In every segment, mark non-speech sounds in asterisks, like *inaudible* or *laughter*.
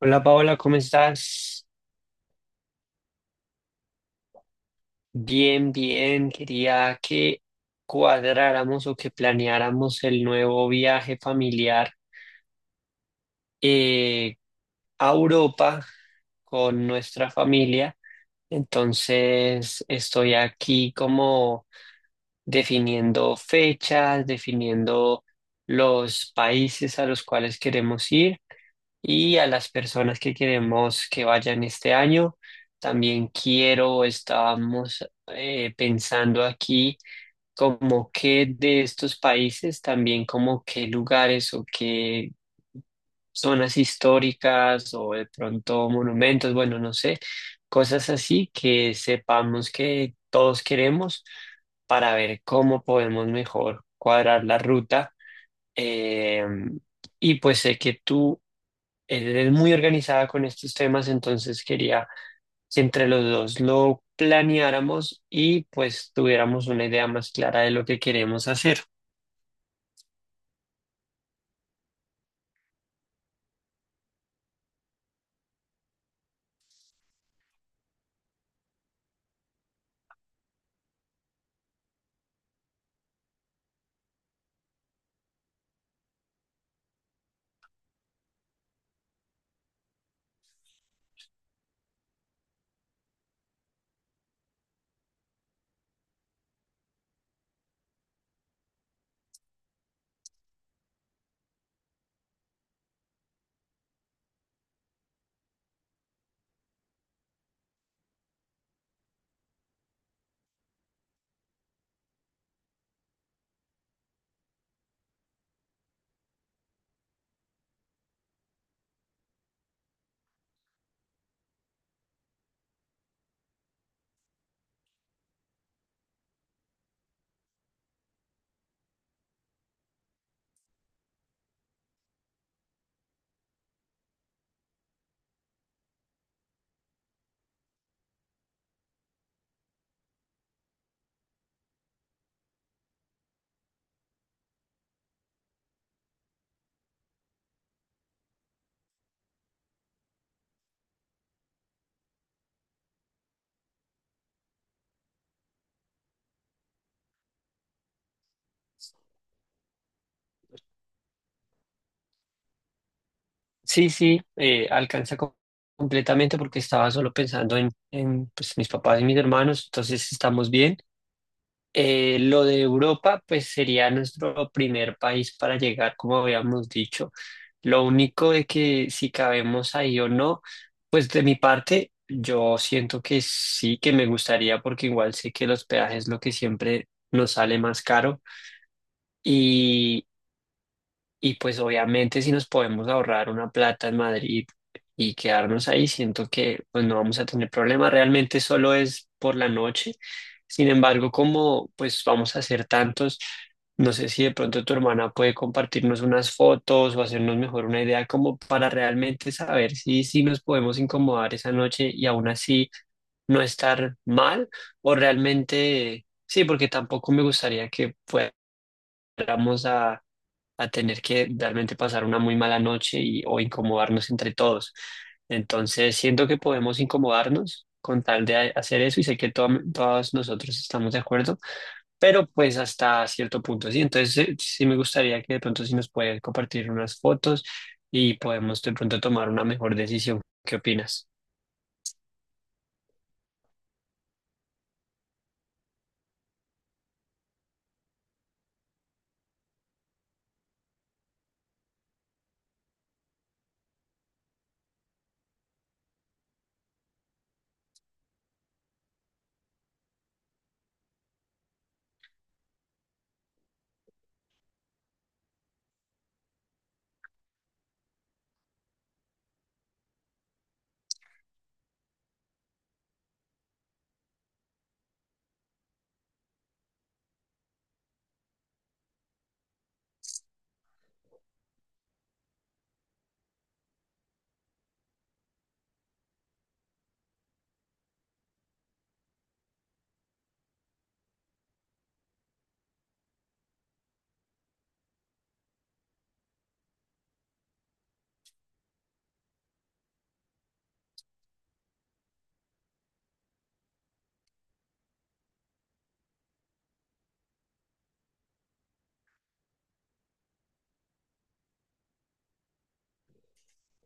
Hola Paola, ¿cómo estás? Bien, bien. Quería que cuadráramos o que planeáramos el nuevo viaje familiar eh, a Europa con nuestra familia. Entonces, estoy aquí como definiendo fechas, definiendo los países a los cuales queremos ir, y a las personas que queremos que vayan este año. También quiero, estábamos pensando aquí como que de estos países, también como qué lugares o qué zonas históricas o de pronto monumentos, bueno, no sé, cosas así que sepamos que todos queremos para ver cómo podemos mejor cuadrar la ruta. Eh, y pues sé que tú, él es muy organizada con estos temas, entonces quería que entre los dos lo planeáramos y pues tuviéramos una idea más clara de lo que queremos hacer. Sí, sí, alcanza completamente porque estaba solo pensando pues, mis papás y mis hermanos, entonces estamos bien. Lo de Europa, pues sería nuestro primer país para llegar, como habíamos dicho. Lo único de que si cabemos ahí o no, pues de mi parte, yo siento que sí, que me gustaría, porque igual sé que los peajes es lo que siempre nos sale más caro. Y pues obviamente si nos podemos ahorrar una plata en Madrid y quedarnos ahí, siento que pues no vamos a tener problema. Realmente solo es por la noche. Sin embargo, como pues vamos a hacer tantos, no sé si de pronto tu hermana puede compartirnos unas fotos o hacernos mejor una idea como para realmente saber si, si nos podemos incomodar esa noche y aún así no estar mal, o realmente sí, porque tampoco me gustaría que fuéramos a tener que realmente pasar una muy mala noche y, o incomodarnos entre todos. Entonces, siento que podemos incomodarnos con tal de hacer eso y sé que todos nosotros estamos de acuerdo, pero pues hasta cierto punto, sí. Entonces, sí me gustaría que de pronto si nos puedes compartir unas fotos y podemos de pronto tomar una mejor decisión. ¿Qué opinas?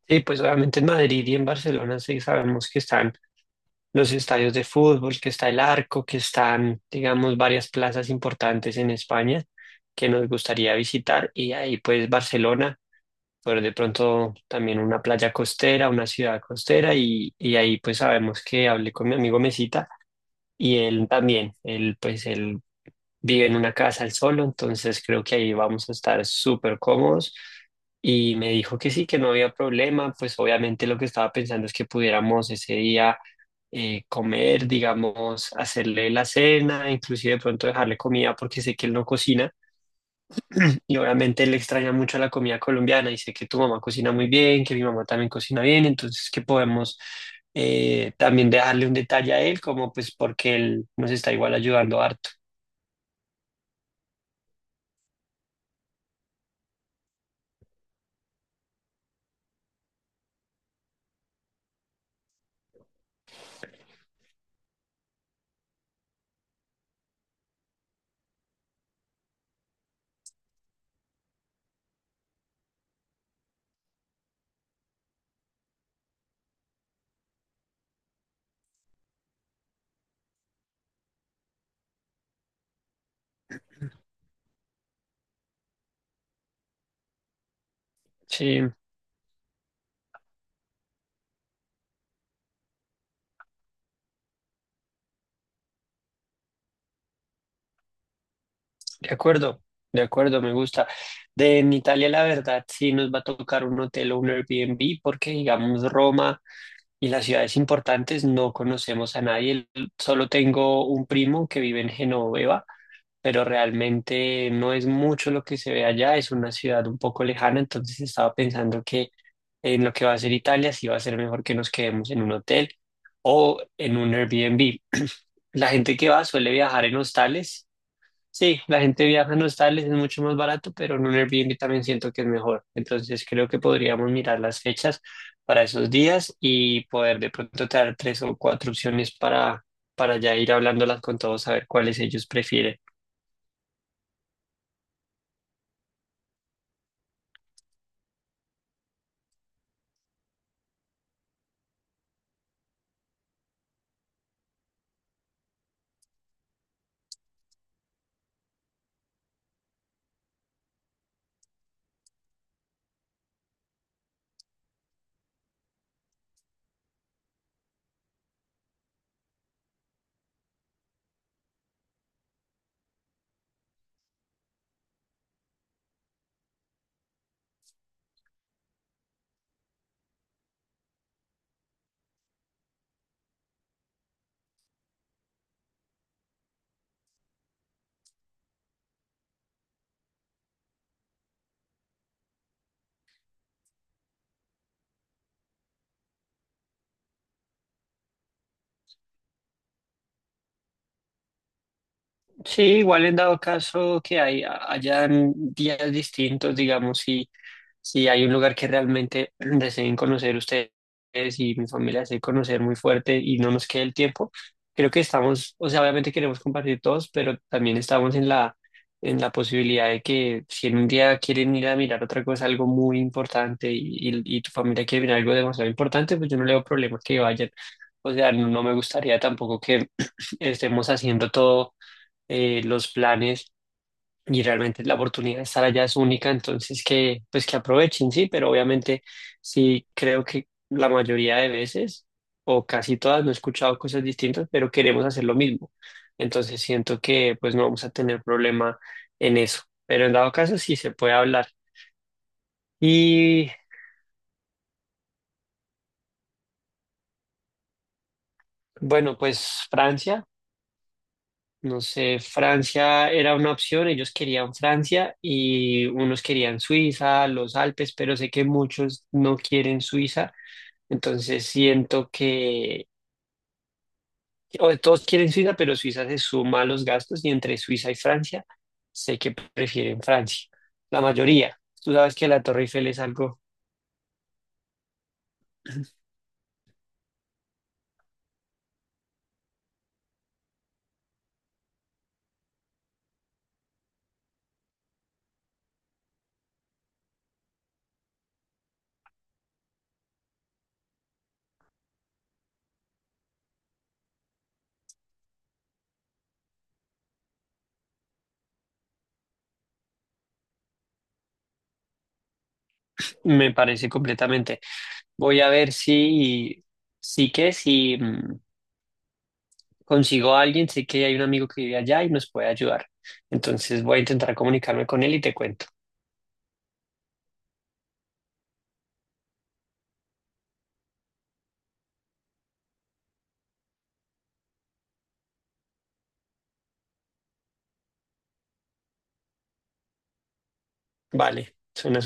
Sí, pues obviamente en Madrid y en Barcelona sí sabemos que están los estadios de fútbol, que está el Arco, que están, digamos, varias plazas importantes en España que nos gustaría visitar y ahí pues Barcelona, pero de pronto también una playa costera, una ciudad costera. Y, y ahí pues sabemos que hablé con mi amigo Mesita y él también, él pues él vive en una casa al solo, entonces creo que ahí vamos a estar súper cómodos. Y me dijo que sí, que no había problema. Pues obviamente lo que estaba pensando es que pudiéramos ese día comer, digamos, hacerle la cena, inclusive de pronto dejarle comida porque sé que él no cocina y obviamente él extraña mucho la comida colombiana y sé que tu mamá cocina muy bien, que mi mamá también cocina bien, entonces que podemos también dejarle un detalle a él, como pues porque él nos está igual ayudando harto. Sí. De acuerdo, de acuerdo, me gusta. De en Italia, la verdad, sí nos va a tocar un hotel o un Airbnb porque, digamos, Roma y las ciudades importantes no conocemos a nadie. Solo tengo un primo que vive en Genoveva, pero realmente no es mucho lo que se ve allá. Es una ciudad un poco lejana, entonces estaba pensando que en lo que va a ser Italia, sí va a ser mejor que nos quedemos en un hotel o en un Airbnb. *clears throat* La gente que va suele viajar en hostales. Sí, la gente viaja en hostales, es mucho más barato, pero en un Airbnb también siento que es mejor. Entonces creo que podríamos mirar las fechas para esos días y poder de pronto traer tres o cuatro opciones para ya ir hablándolas con todos, a ver cuáles ellos prefieren. Sí, igual en dado caso que hay, hayan días distintos, digamos, si, si hay un lugar que realmente deseen conocer ustedes y mi familia desee conocer muy fuerte y no nos quede el tiempo, creo que estamos, o sea, obviamente queremos compartir todos, pero también estamos en la posibilidad de que si en un día quieren ir a mirar otra cosa, algo muy importante y tu familia quiere mirar algo demasiado importante, pues yo no le veo problema que vayan. O sea, no me gustaría tampoco que *clears throat* estemos haciendo todo los planes y realmente la oportunidad de estar allá es única, entonces que pues que aprovechen, sí, pero obviamente sí creo que la mayoría de veces o casi todas no he escuchado cosas distintas, pero queremos hacer lo mismo. Entonces siento que pues no vamos a tener problema en eso, pero en dado caso sí se puede hablar. Y bueno, pues Francia. No sé, Francia era una opción, ellos querían Francia y unos querían Suiza, los Alpes, pero sé que muchos no quieren Suiza, entonces siento que o todos quieren Suiza, pero Suiza se suma a los gastos y entre Suiza y Francia sé que prefieren Francia, la mayoría. Tú sabes que la Torre Eiffel es algo, *clears throat* me parece completamente. Voy a ver si, sí que si... consigo a alguien, sé que hay un amigo que vive allá y nos puede ayudar. Entonces voy a intentar comunicarme con él y te cuento. Vale, suena